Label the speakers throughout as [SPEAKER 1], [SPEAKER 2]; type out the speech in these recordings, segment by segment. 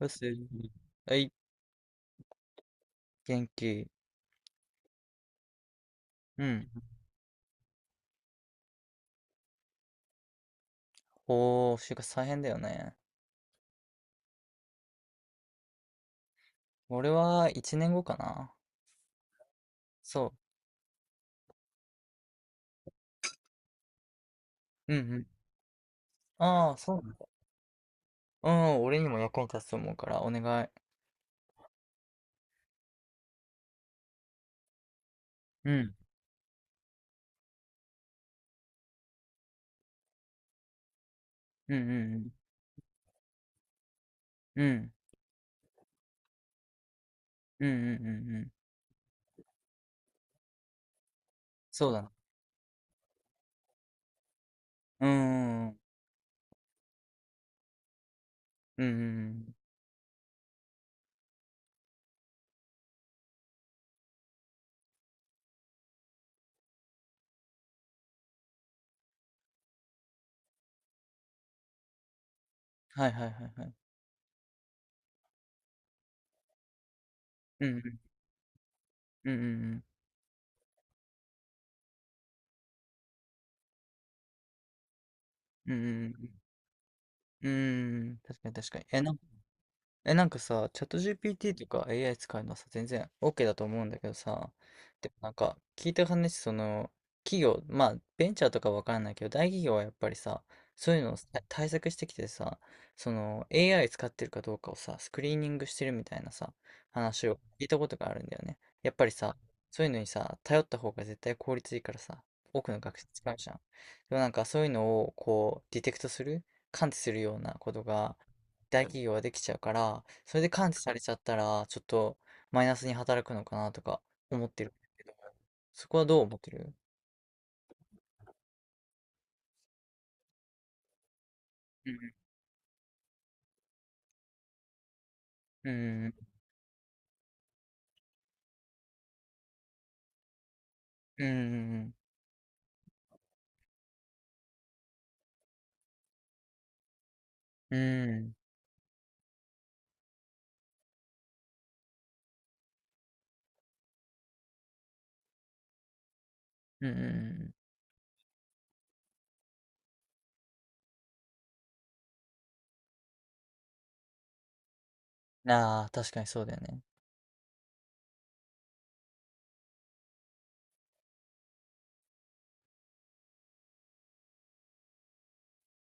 [SPEAKER 1] うすい。はい、元気。うん。おー、就活大変だよね。俺は1年後かな。そう。うんうん。ああ、そうなんだ。うん、俺にも役に立つと思うから、お願い。うん。うんうんうん。うん。うんうんうんうん。そうだな。うん。うんうんうん。はいはいはいはい。うんうんうんうんうん。うんうんうん。うん。確かに確かに。え、なんかえ、なんかさ、チャット GPT とか AI 使うのはさ、全然 OK だと思うんだけどさ、でもなんか聞いた話、その、企業、まあ、ベンチャーとかわからないけど、大企業はやっぱりさ、そういうのをさ対策してきてさ、その AI 使ってるかどうかをさ、スクリーニングしてるみたいなさ、話を聞いたことがあるんだよね。やっぱりさ、そういうのにさ、頼った方が絶対効率いいからさ、多くの学生使うじゃん。でもなんかそういうのをこう、ディテクトする、感知するようなことが、大企業ができちゃうから、それで感知されちゃったら、ちょっとマイナスに働くのかなとか思ってるんだけど、そこはどう思ってる？うん、うん、うん、うん、うん、うん、うん。ああ、確かにそうだよね。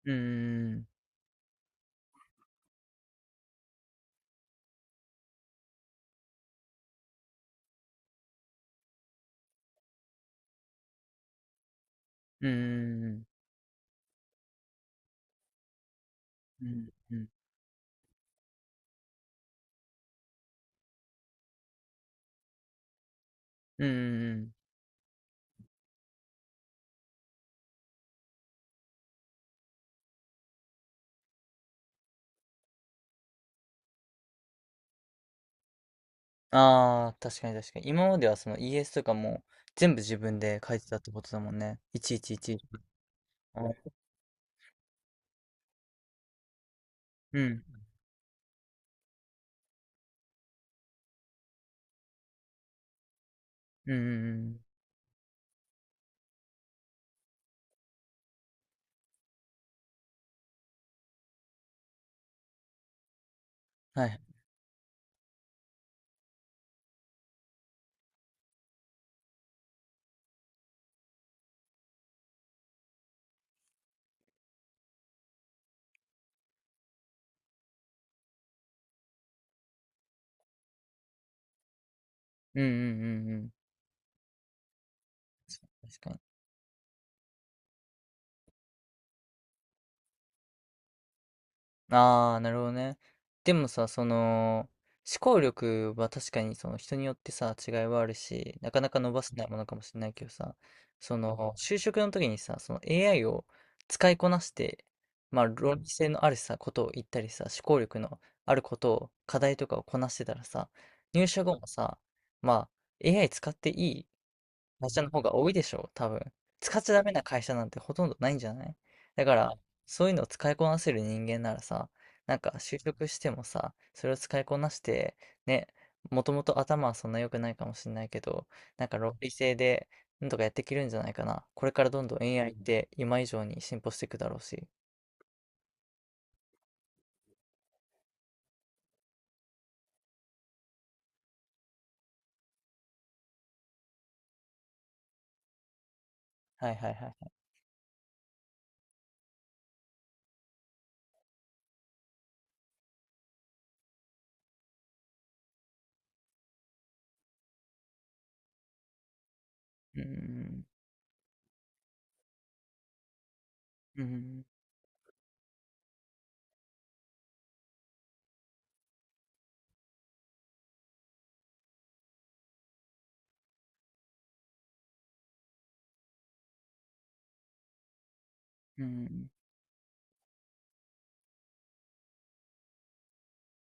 [SPEAKER 1] うん、うん、うん、うん、うん。ああー、確かに確かに。今まではその ES とかも全部自分で書いてたってことだもんね。111。うん、うん、うん、うん。はい。うん、うん、うん、うん。確かに。ああ、なるほどね。でもさ、その、思考力は確かにその人によってさ、違いはあるし、なかなか伸ばせないものかもしれないけどさ、その、就職の時にさ、その AI を使いこなして、まあ、論理性のあるさ、ことを言ったりさ、思考力のあることを、課題とかをこなしてたらさ、入社後もさ、まあ、AI 使っていい会社の方が多いでしょう、多分。使っちゃダメな会社なんてほとんどないんじゃない？だから、そういうのを使いこなせる人間ならさ、なんか就職してもさ、それを使いこなして、ね、もともと頭はそんな良くないかもしれないけど、なんか論理性で、なんとかやっていけるんじゃないかな。これからどんどん AI って今以上に進歩していくだろうし。はいはいはいはい。うんうんうんうんうん。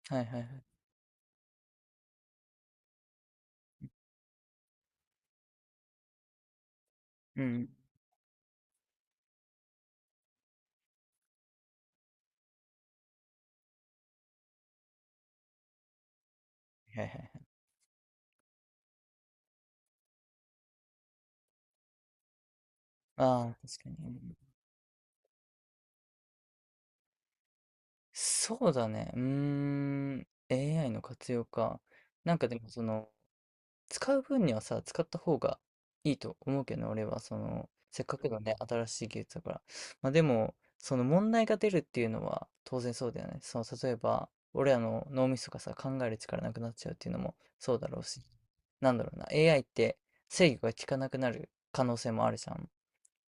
[SPEAKER 1] はいはいはい。うん。はいはいはい。ああ、確かに。うんそうだね。うーん。AI の活用か。なんかでもその、使う分にはさ、使った方がいいと思うけどね、俺は。その、せっかくのね、新しい技術だから。まあでも、その問題が出るっていうのは当然そうだよね。その、例えば、俺らの脳みそがさ、考える力なくなっちゃうっていうのもそうだろうし。なんだろうな。AI って制御が効かなくなる可能性もあるじゃん。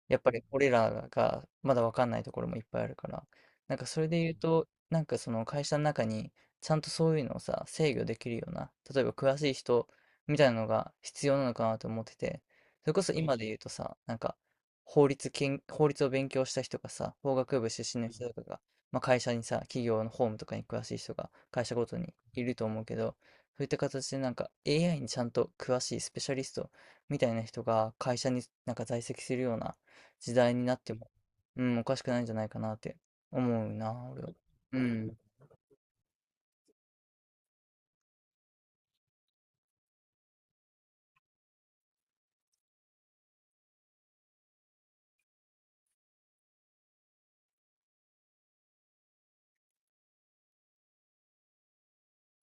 [SPEAKER 1] やっぱり俺らがまだわかんないところもいっぱいあるから、なんかそれで言うと、なんかその会社の中にちゃんとそういうのをさ、制御できるような、例えば詳しい人みたいなのが必要なのかなと思ってて、それこそ今で言うとさ、なんか法律を勉強した人がさ、法学部出身の人とかが、まあ、会社にさ、企業の法務とかに詳しい人が会社ごとにいると思うけど、そういった形でなんか AI にちゃんと詳しいスペシャリストみたいな人が会社になんか在籍するような時代になっても、うん、おかしくないんじゃないかなって思うな、俺は。うん。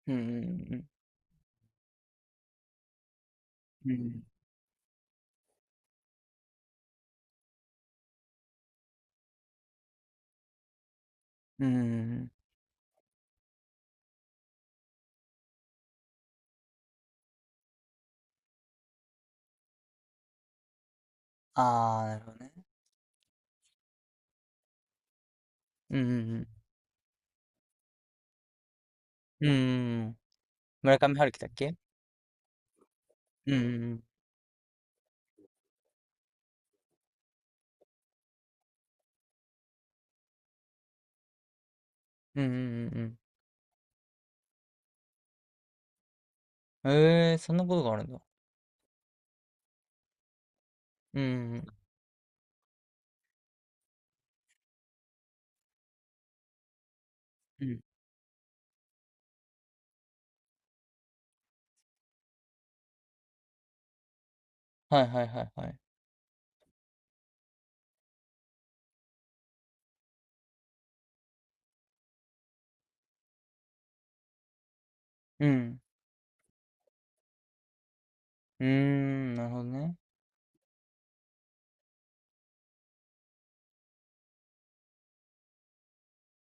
[SPEAKER 1] うんうんうんうん。うん。うんうんうんうん。ああ、なるほどね。うんうんうん。うんうんうん。村上春樹だっけ？うんうんうん。うんうんうんうん。ええそんなことがあるんだ。うんうんうん。うん。はいはいはいはい。うん。うーん、なるほどね。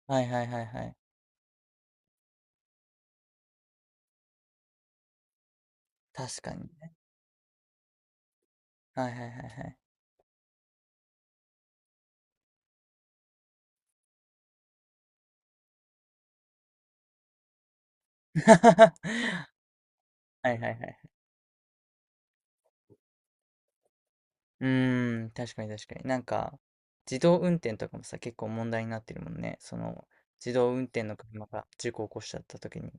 [SPEAKER 1] はいはいはいはい。確かにね。はいはいはいはい。はいはいはい。うーん、確かに確かに。なんか、自動運転とかもさ、結構問題になってるもんね。その、自動運転の車が事故を起こしちゃった時に、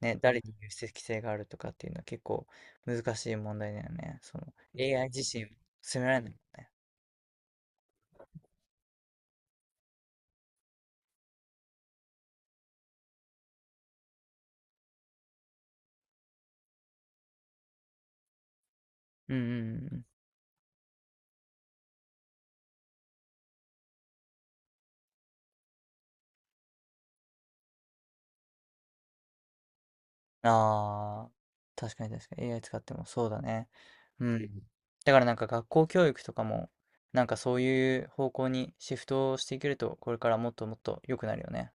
[SPEAKER 1] ね、誰に有責性があるとかっていうのは結構難しい問題だよね。その、AI 自身を責められないもんね。うんうんうん。ああ、確かに確かに。AI 使ってもそうだね。うん。だからなんか学校教育とかも、なんかそういう方向にシフトしていけると、これからもっともっと良くなるよね。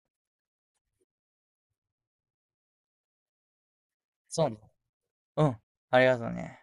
[SPEAKER 1] そうね。うん、ありがとうね。